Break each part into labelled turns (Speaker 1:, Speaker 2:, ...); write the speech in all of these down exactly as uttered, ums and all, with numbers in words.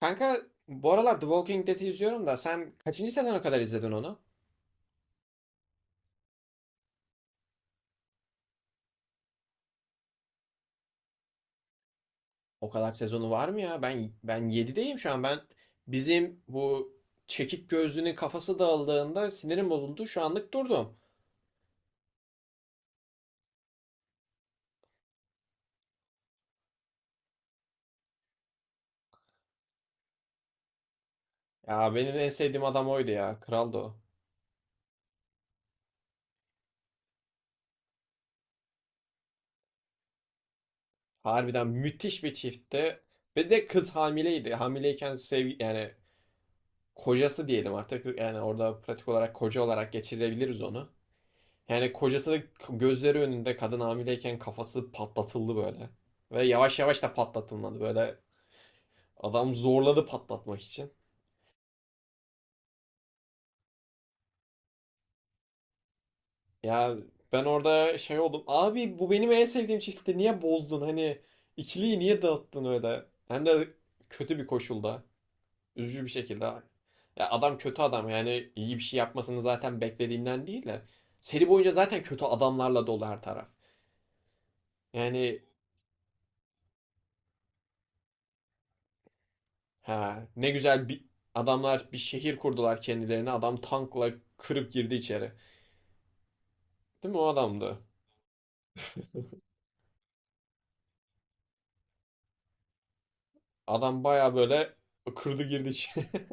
Speaker 1: Kanka, bu aralar The Walking Dead'i izliyorum da sen kaçıncı sezona kadar izledin onu? O kadar sezonu var mı ya? Ben ben yedideyim şu an. Ben bizim bu çekik gözlünün kafası dağıldığında sinirim bozuldu. Şu anlık durdum. Ya benim en sevdiğim adam oydu ya. Kraldı o. Harbiden müthiş bir çiftti. Ve de kız hamileydi. Hamileyken sevgi, yani kocası diyelim artık. Yani orada pratik olarak koca olarak geçirebiliriz onu. Yani kocası da gözleri önünde, kadın hamileyken, kafası patlatıldı böyle. Ve yavaş yavaş da patlatılmadı böyle. Adam zorladı patlatmak için. Ya ben orada şey oldum. Abi bu benim en sevdiğim çiftti. Niye bozdun? Hani ikiliyi niye dağıttın öyle? Hem de kötü bir koşulda. Üzücü bir şekilde. Ya adam kötü adam. Yani iyi bir şey yapmasını zaten beklediğimden değil de. Seri boyunca zaten kötü adamlarla dolu her taraf. Yani ha, ne güzel bir adamlar bir şehir kurdular kendilerine. Adam tankla kırıp girdi içeri. Değil mi, o adamdı? Adam baya böyle kırdı girdi içeri.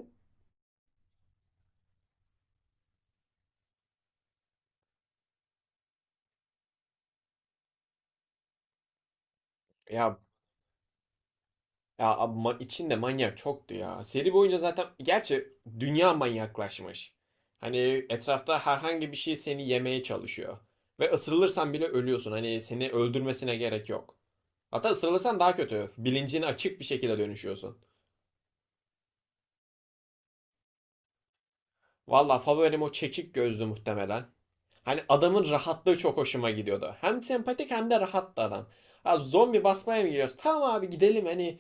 Speaker 1: Ya ya abi, ma- içinde manyak çoktu ya. Seri boyunca zaten, gerçi dünya manyaklaşmış. Hani etrafta herhangi bir şey seni yemeye çalışıyor. Ve ısırılırsan bile ölüyorsun. Hani seni öldürmesine gerek yok. Hatta ısırılırsan daha kötü. Bilincini açık bir şekilde dönüşüyorsun. Valla favorim o çekik gözlü muhtemelen. Hani adamın rahatlığı çok hoşuma gidiyordu. Hem sempatik hem de rahattı adam. Ha, zombi basmaya mı gidiyoruz? Tamam abi, gidelim hani.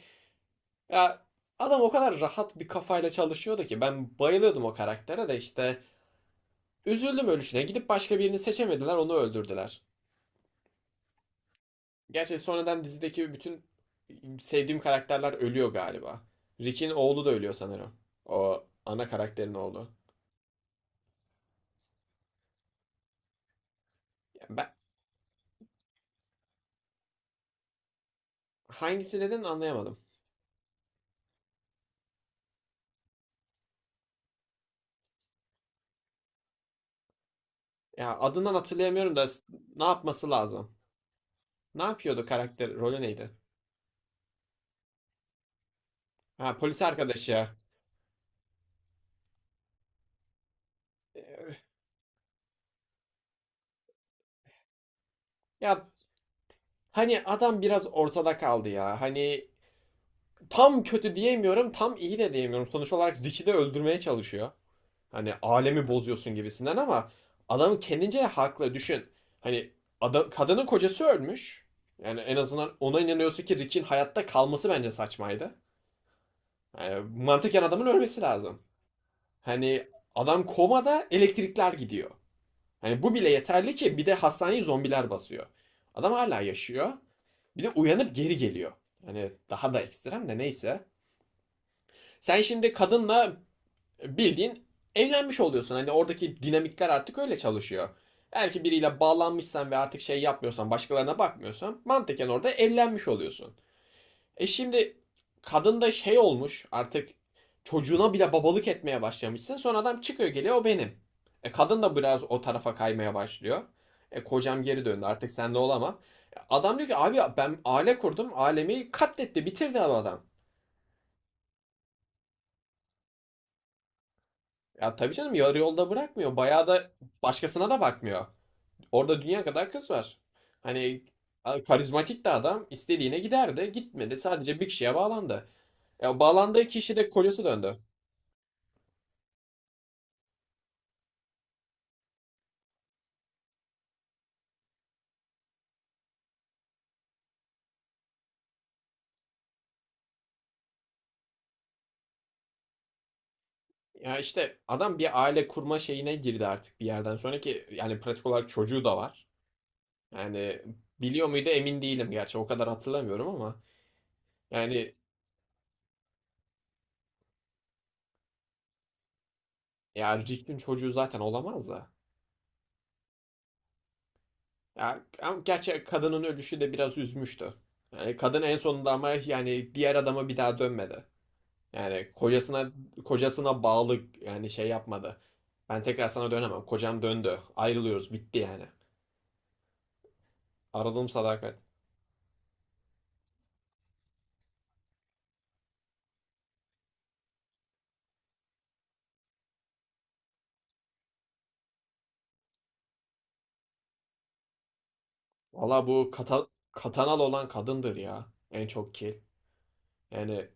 Speaker 1: Ya adam o kadar rahat bir kafayla çalışıyordu ki ben bayılıyordum o karaktere de işte. Üzüldüm ölüşüne. Gidip başka birini seçemediler, onu öldürdüler. Gerçi sonradan dizideki bütün sevdiğim karakterler ölüyor galiba. Rick'in oğlu da ölüyor sanırım. O ana karakterin oğlu. Ben hangisi dedin anlayamadım. Ya adından hatırlayamıyorum da ne yapması lazım? Ne yapıyordu karakter? Rolü neydi? Ha, polis arkadaşı ya. Ee, Ya hani adam biraz ortada kaldı ya. Hani tam kötü diyemiyorum, tam iyi de diyemiyorum. Sonuç olarak Rick'i de öldürmeye çalışıyor. Hani alemi bozuyorsun gibisinden, ama adam kendince haklı. Düşün. Hani adam, kadının kocası ölmüş. Yani en azından ona inanıyorsun ki Rick'in hayatta kalması bence saçmaydı. Yani mantıken adamın ölmesi lazım. Hani adam komada, elektrikler gidiyor. Hani bu bile yeterli, ki bir de hastaneyi zombiler basıyor. Adam hala yaşıyor. Bir de uyanıp geri geliyor. Hani daha da ekstrem de neyse. Sen şimdi kadınla bildiğin evlenmiş oluyorsun. Hani oradaki dinamikler artık öyle çalışıyor. Eğer ki biriyle bağlanmışsan ve artık şey yapmıyorsan, başkalarına bakmıyorsan, mantıken orada evlenmiş oluyorsun. E şimdi kadın da şey olmuş artık, çocuğuna bile babalık etmeye başlamışsın. Sonra adam çıkıyor geliyor, o benim. E kadın da biraz o tarafa kaymaya başlıyor. E kocam geri döndü, artık sende olamam. E, Adam diyor ki abi ben aile kurdum. Ailemi katletti bitirdi adam. Ya tabii canım, yarı yolda bırakmıyor. Bayağı da başkasına da bakmıyor. Orada dünya kadar kız var. Hani karizmatik de adam, istediğine giderdi. Gitmedi, sadece bir kişiye bağlandı. Ya bağlandığı kişi de, kocası döndü. Ya işte adam bir aile kurma şeyine girdi artık bir yerden sonraki, yani pratik olarak çocuğu da var. Yani biliyor muydu emin değilim, gerçi o kadar hatırlamıyorum ama yani ya Rick'in çocuğu zaten olamaz da. Ya ama gerçi kadının ölüşü de biraz üzmüştü. Yani kadın en sonunda, ama yani diğer adama bir daha dönmedi. Yani kocasına kocasına bağlı, yani şey yapmadı. Ben tekrar sana dönemem. Kocam döndü. Ayrılıyoruz. Bitti yani. Aradığım sadakat. Valla bu kata, katanalı olan kadındır ya. En çok kil. Yani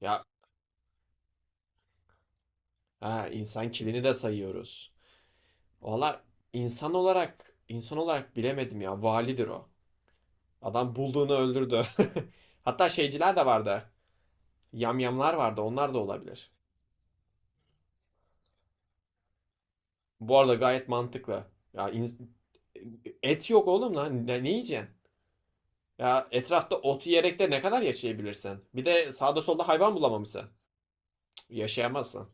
Speaker 1: ya ha, insan kilini de sayıyoruz. Valla insan olarak insan olarak bilemedim ya. Validir o. Adam bulduğunu öldürdü. Hatta şeyciler de vardı. Yamyamlar vardı. Onlar da olabilir. Bu arada gayet mantıklı. Ya ins- et yok oğlum lan. Ne, ne yiyeceksin? Ya etrafta ot yiyerek de ne kadar yaşayabilirsin? Bir de sağda solda hayvan bulamamışsın. Cık, yaşayamazsın.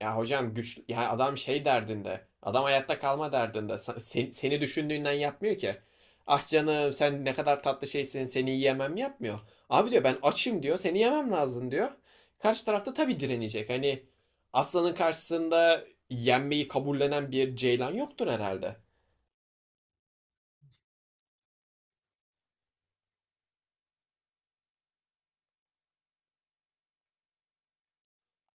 Speaker 1: Ya hocam, güç, yani adam şey derdinde. Adam hayatta kalma derdinde. Sen, seni düşündüğünden yapmıyor ki. Ah canım, sen ne kadar tatlı şeysin, seni yiyemem yapmıyor. Abi diyor, ben açım diyor, seni yemem lazım diyor. Karşı tarafta tabii direnecek. Hani aslanın karşısında yenmeyi kabullenen bir ceylan yoktur herhalde.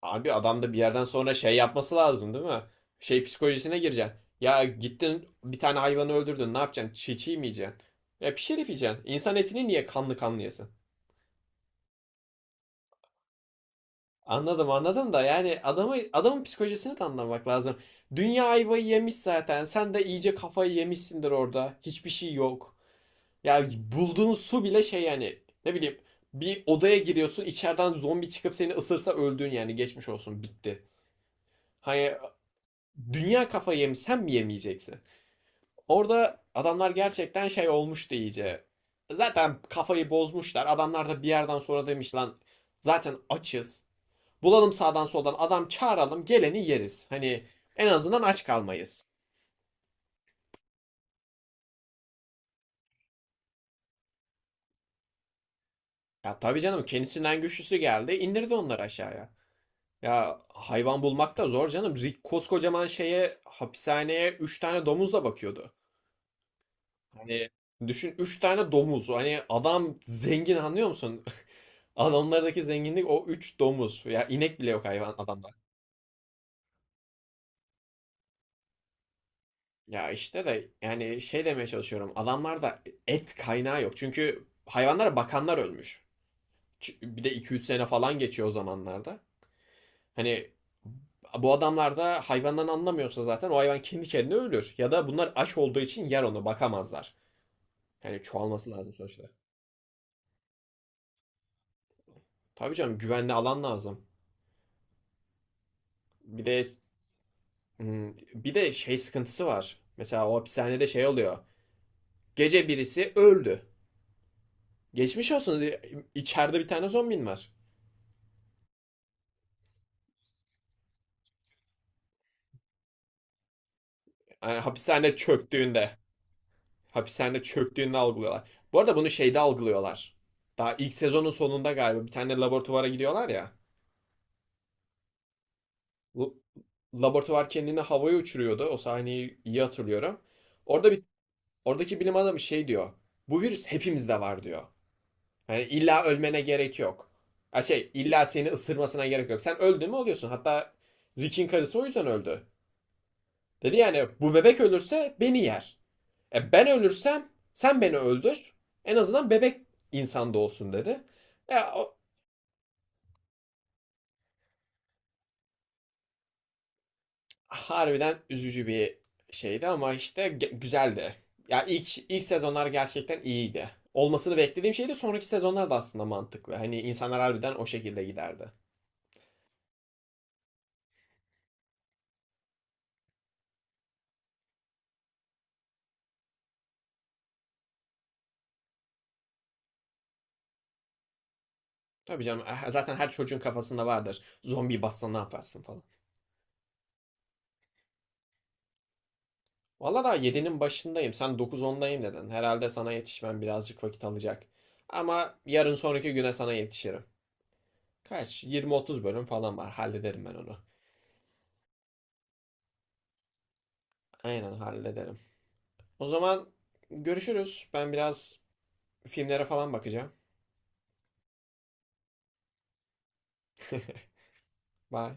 Speaker 1: Abi adam da bir yerden sonra şey yapması lazım, değil mi? Şey psikolojisine gireceksin. Ya gittin bir tane hayvanı öldürdün, ne yapacaksın? Çiğ çiğ mi yiyeceksin? Ya pişirip yiyeceksin. İnsan etini niye kanlı kanlı yesin? Anladım anladım da, yani adamı, adamın psikolojisini de anlamak lazım. Dünya ayvayı yemiş zaten. Sen de iyice kafayı yemişsindir orada. Hiçbir şey yok. Ya bulduğun su bile şey, yani ne bileyim, bir odaya giriyorsun, içeriden zombi çıkıp seni ısırsa öldün yani, geçmiş olsun, bitti. Hani dünya kafayı yemiş, sen mi yemeyeceksin? Orada adamlar gerçekten şey olmuştu iyice. Zaten kafayı bozmuşlar. Adamlar da bir yerden sonra demiş lan zaten açız. Bulalım sağdan soldan adam, çağıralım geleni yeriz. Hani en azından aç kalmayız. Ya tabii canım, kendisinden güçlüsü geldi indirdi onları aşağıya. Ya hayvan bulmak da zor canım. Rick koskocaman şeye, hapishaneye, üç tane domuzla bakıyordu. Hani düşün, üç tane domuz. Hani adam zengin, anlıyor musun? Adamlardaki zenginlik o üç domuz. Ya inek bile yok hayvan adamda. Ya işte de yani şey demeye çalışıyorum. Adamlarda et kaynağı yok. Çünkü hayvanlara bakanlar ölmüş. Bir de iki üç sene falan geçiyor o zamanlarda. Hani bu adamlar da hayvandan anlamıyorsa zaten o hayvan kendi kendine ölür. Ya da bunlar aç olduğu için yer onu, bakamazlar. Yani çoğalması lazım sonuçta. Tabii canım, güvenli alan lazım. Bir de hmm, bir de şey sıkıntısı var. Mesela o hapishanede şey oluyor. Gece birisi öldü. Geçmiş olsun. İçeride bir tane zombin var. Yani hapishane çöktüğünde, hapishanede çöktüğünde algılıyorlar. Bu arada bunu şeyde algılıyorlar. Daha ilk sezonun sonunda galiba bir tane laboratuvara gidiyorlar ya. Bu laboratuvar kendini havaya uçuruyordu. O sahneyi iyi hatırlıyorum. Orada bir oradaki bilim adamı şey diyor. Bu virüs hepimizde var diyor. Yani illa ölmene gerek yok. Ha şey, illa seni ısırmasına gerek yok. Sen öldün mü oluyorsun. Hatta Rick'in karısı o yüzden öldü. Dedi yani bu bebek ölürse beni yer. E ben ölürsem sen beni öldür. En azından bebek insan doğsun dedi. Ya o harbiden üzücü bir şeydi, ama işte ge- güzeldi. Ya ilk ilk sezonlar gerçekten iyiydi. Olmasını beklediğim şeydi. Sonraki sezonlar da aslında mantıklı. Hani insanlar harbiden o şekilde giderdi. Tabii canım, eh, zaten her çocuğun kafasında vardır. Zombi bassa ne yaparsın falan. Valla daha yedi'nin başındayım. Sen dokuz ondayım dedin. Herhalde sana yetişmem birazcık vakit alacak. Ama yarın sonraki güne sana yetişirim. Kaç? yirmi otuz bölüm falan var. Hallederim ben onu. Aynen hallederim. O zaman görüşürüz. Ben biraz filmlere falan bakacağım. Bye.